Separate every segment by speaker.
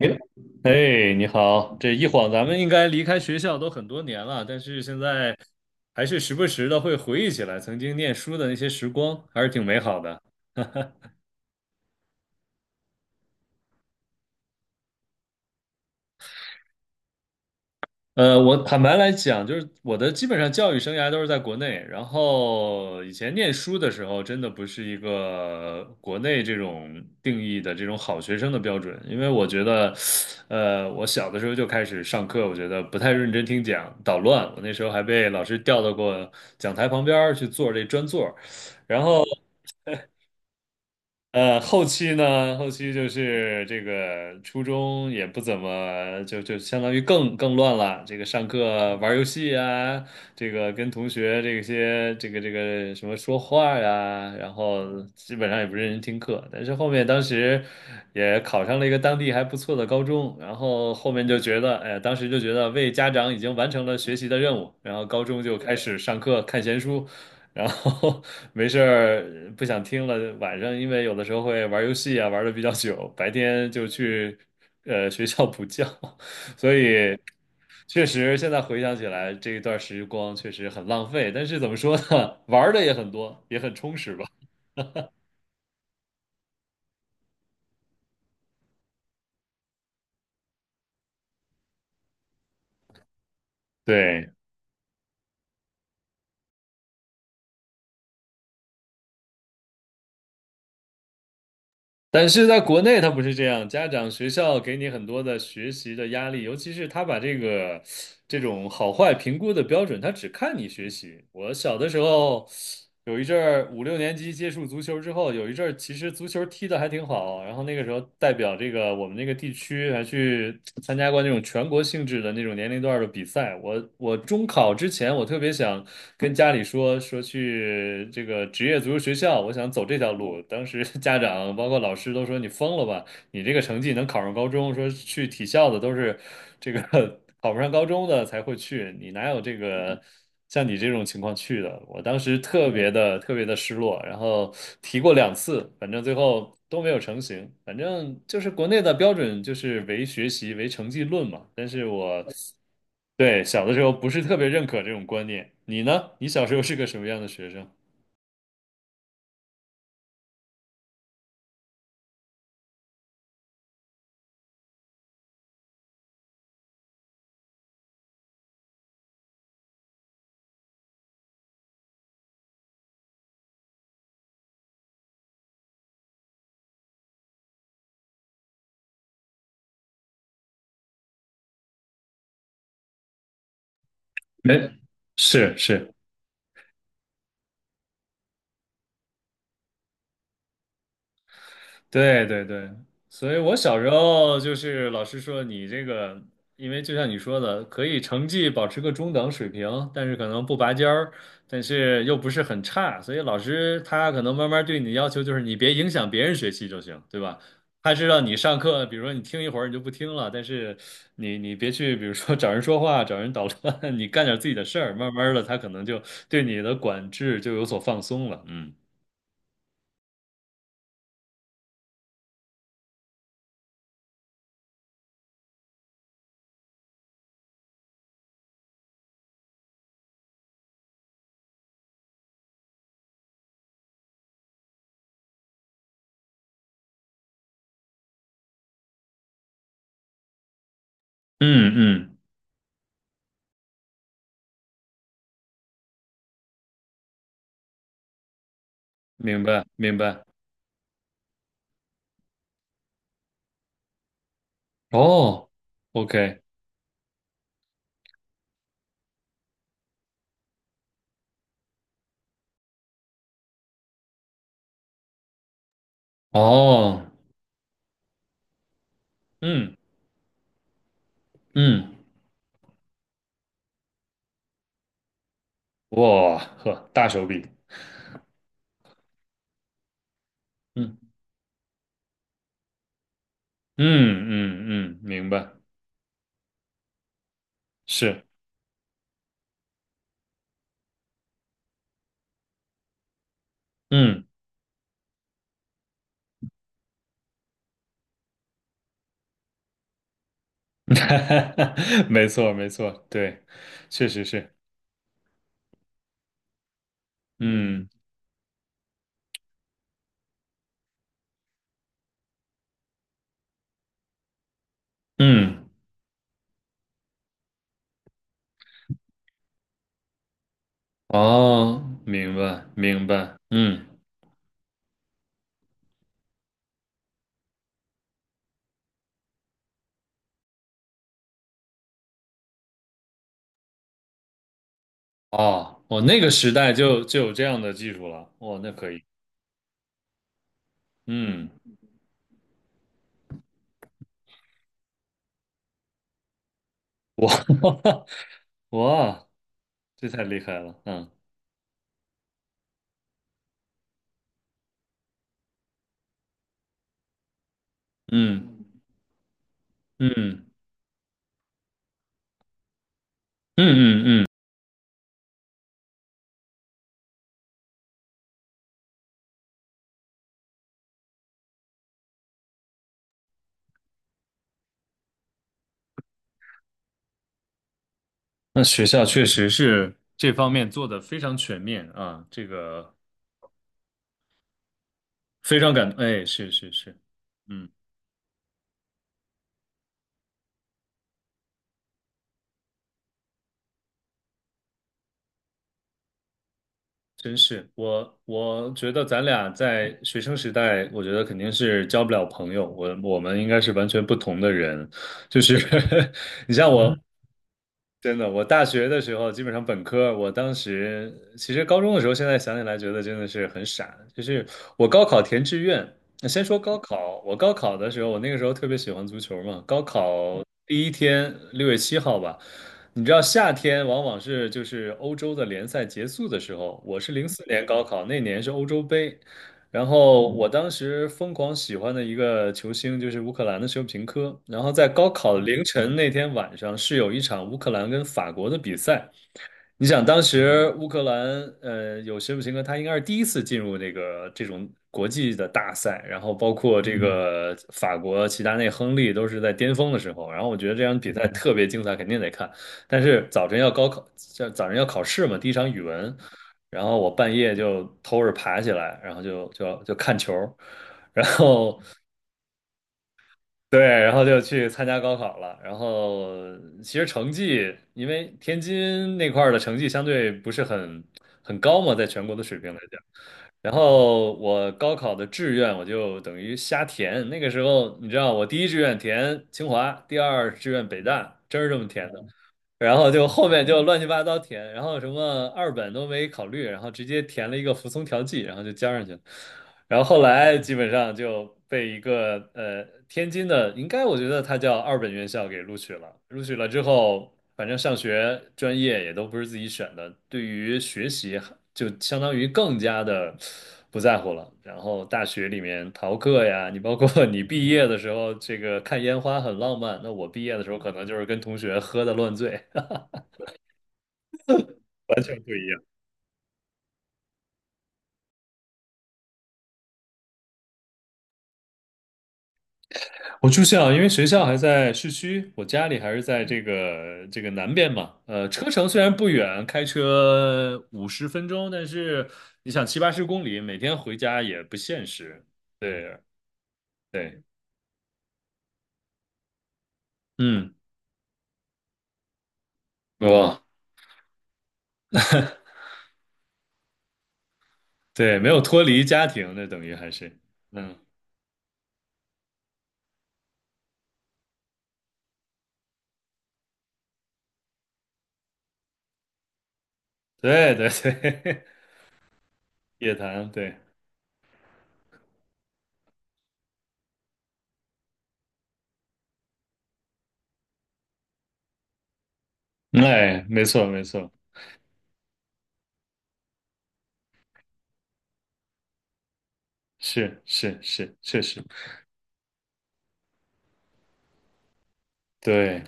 Speaker 1: 你哎，你好！这一晃，咱们应该离开学校都很多年了，但是现在还是时不时的会回忆起来曾经念书的那些时光，还是挺美好的。我坦白来讲，就是我的基本上教育生涯都是在国内。然后以前念书的时候，真的不是一个国内这种定义的这种好学生的标准，因为我觉得，我小的时候就开始上课，我觉得不太认真听讲，捣乱。我那时候还被老师调到过讲台旁边儿去坐这专座，后期就是这个初中也不怎么，就相当于更乱了。这个上课玩游戏啊，这个跟同学这些这个什么说话呀，然后基本上也不认真听课。但是后面当时也考上了一个当地还不错的高中，然后后面就觉得，哎，当时就觉得为家长已经完成了学习的任务，然后高中就开始上课看闲书。然后 没事儿不想听了，晚上因为有的时候会玩游戏啊，玩的比较久，白天就去学校补觉。确实，现在回想起来，这一段时光确实很浪费，但是怎么说呢，玩儿的也很多，也很充实吧。对。但是在国内，他不是这样，家长、学校给你很多的学习的压力，尤其是他把这个这种好坏评估的标准，他只看你学习。我小的时候有一阵儿五六年级接触足球之后，有一阵儿其实足球踢得还挺好，然后那个时候代表这个我们那个地区还去参加过那种全国性质的那种年龄段的比赛。我中考之前，我特别想跟家里说说去这个职业足球学校，我想走这条路。当时 家长包括老师都说你疯了吧，你这个成绩能考上高中，说去体校的都是这个 考不上高中的才会去，你哪有这个像你这种情况去的？我当时特别的特别的失落，然后提过两次，反正最后都没有成型。反正就是国内的标准就是唯学习唯成绩论嘛，但是我对小的时候不是特别认可这种观念。你呢？你小时候是个什么样的学生？没，是是，对对对，所以我小时候就是老师说你这个，因为就像你说的，可以成绩保持个中等水平，但是可能不拔尖儿，但是又不是很差，所以老师他可能慢慢对你的要求就是你别影响别人学习就行，对吧？他是让你上课，比如说你听一会儿你就不听了，但是你别去，比如说找人说话、找人捣乱，你干点自己的事儿，慢慢的他可能就对你的管制就有所放松了，嗯嗯嗯，明白明白。哦，OK，哦，嗯嗯，哇呵，大手笔，嗯嗯嗯嗯，明白，是，嗯，没错没错，对，确实是，嗯嗯，哦，明白明白，嗯，哦，我那个时代就有这样的技术了，哇，那可以，嗯，哇 哇，这太厉害了，嗯嗯嗯嗯嗯嗯。那学校确实是这方面做的非常全面啊，这个非常感动，哎，是是是，嗯，真是，我觉得咱俩在学生时代，我觉得肯定是交不了朋友，我们应该是完全不同的人，就是 你像我，真的，我大学的时候，基本上本科，我当时其实高中的时候，现在想起来觉得真的是很傻。就是我高考填志愿，那先说高考，我高考的时候，我那个时候特别喜欢足球嘛。高考第一天，6月7号吧，你知道夏天往往是就是欧洲的联赛结束的时候，我是04年高考，那年是欧洲杯，然后我当时疯狂喜欢的一个球星就是乌克兰的舍甫琴科。然后在高考凌晨那天晚上是有一场乌克兰跟法国的比赛，你想，当时乌克兰，有舍甫琴科，他应该是第一次进入这个这种国际的大赛，然后包括这个法国齐达内、亨利都是在巅峰的时候，然后我觉得这场比赛特别精彩，肯定得看。但是早晨要高考，早晨要考试嘛，第一场语文，然后我半夜就偷着爬起来，然后就看球，然后对，然后就去参加高考了。然后其实成绩，因为天津那块儿的成绩相对不是很高嘛，在全国的水平来讲。然后我高考的志愿我就等于瞎填。那个时候你知道，我第一志愿填清华，第二志愿北大，真是这么填的。然后就后面就乱七八糟填，然后什么二本都没考虑，然后直接填了一个服从调剂，然后就交上去了。然后后来基本上就被一个天津的，应该我觉得他叫二本院校给录取了。录取了之后，反正上学专业也都不是自己选的，对于学习就相当于更加的不在乎了。然后大学里面逃课呀，你包括 你毕业的时候，这个看烟花很浪漫，那我毕业的时候可能就是跟同学喝的乱醉。完全不一样。我住校，因为学校还在市区，我家里还是在这个南边嘛。车程虽然不远，开车50分钟，但是你想七八十公里，每天回家也不现实。对对，嗯，哇，对，没有脱离家庭，那等于还是，嗯，对对对，夜谈，对，哎，没错没错，是是是，确实，对，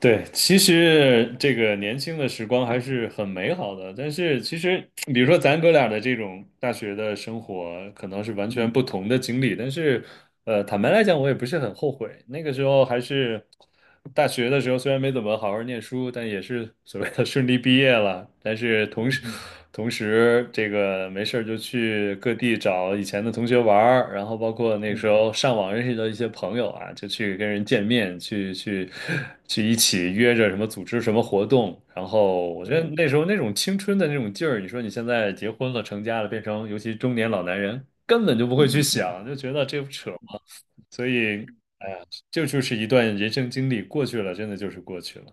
Speaker 1: 对，其实这个年轻的时光还是很美好的，但是其实，比如说咱哥俩的这种大学的生活，可能是完全不同的经历，但是，坦白来讲，我也不是很后悔。那个时候还是大学的时候，虽然没怎么好好念书，但也是所谓的顺利毕业了。但是同时，这个没事儿就去各地找以前的同学玩儿，然后包括那时候上网认识的一些朋友啊，就去跟人见面，去一起约着什么组织什么活动。然后我觉得那时候那种青春的那种劲儿，你说你现在结婚了、成家了，变成尤其中年老男人，根本就不会去想，就觉得这不扯嘛。所以，哎呀，这就是一段人生经历，过去了，真的就是过去了。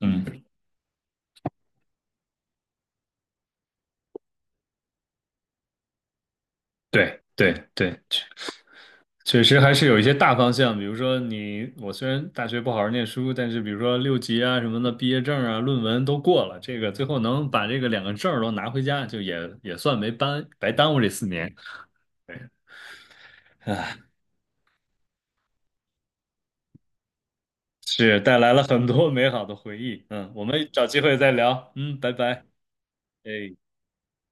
Speaker 1: 嗯。对对对，确实还是有一些大方向，比如说你，我虽然大学不好好念书，但是比如说六级啊什么的，毕业证啊、论文都过了，这个最后能把这个两个证儿都拿回家，就也算没耽白耽误这四年，对，是带来了很多 美好的回忆。嗯，我们找机会再聊。嗯，拜拜。哎。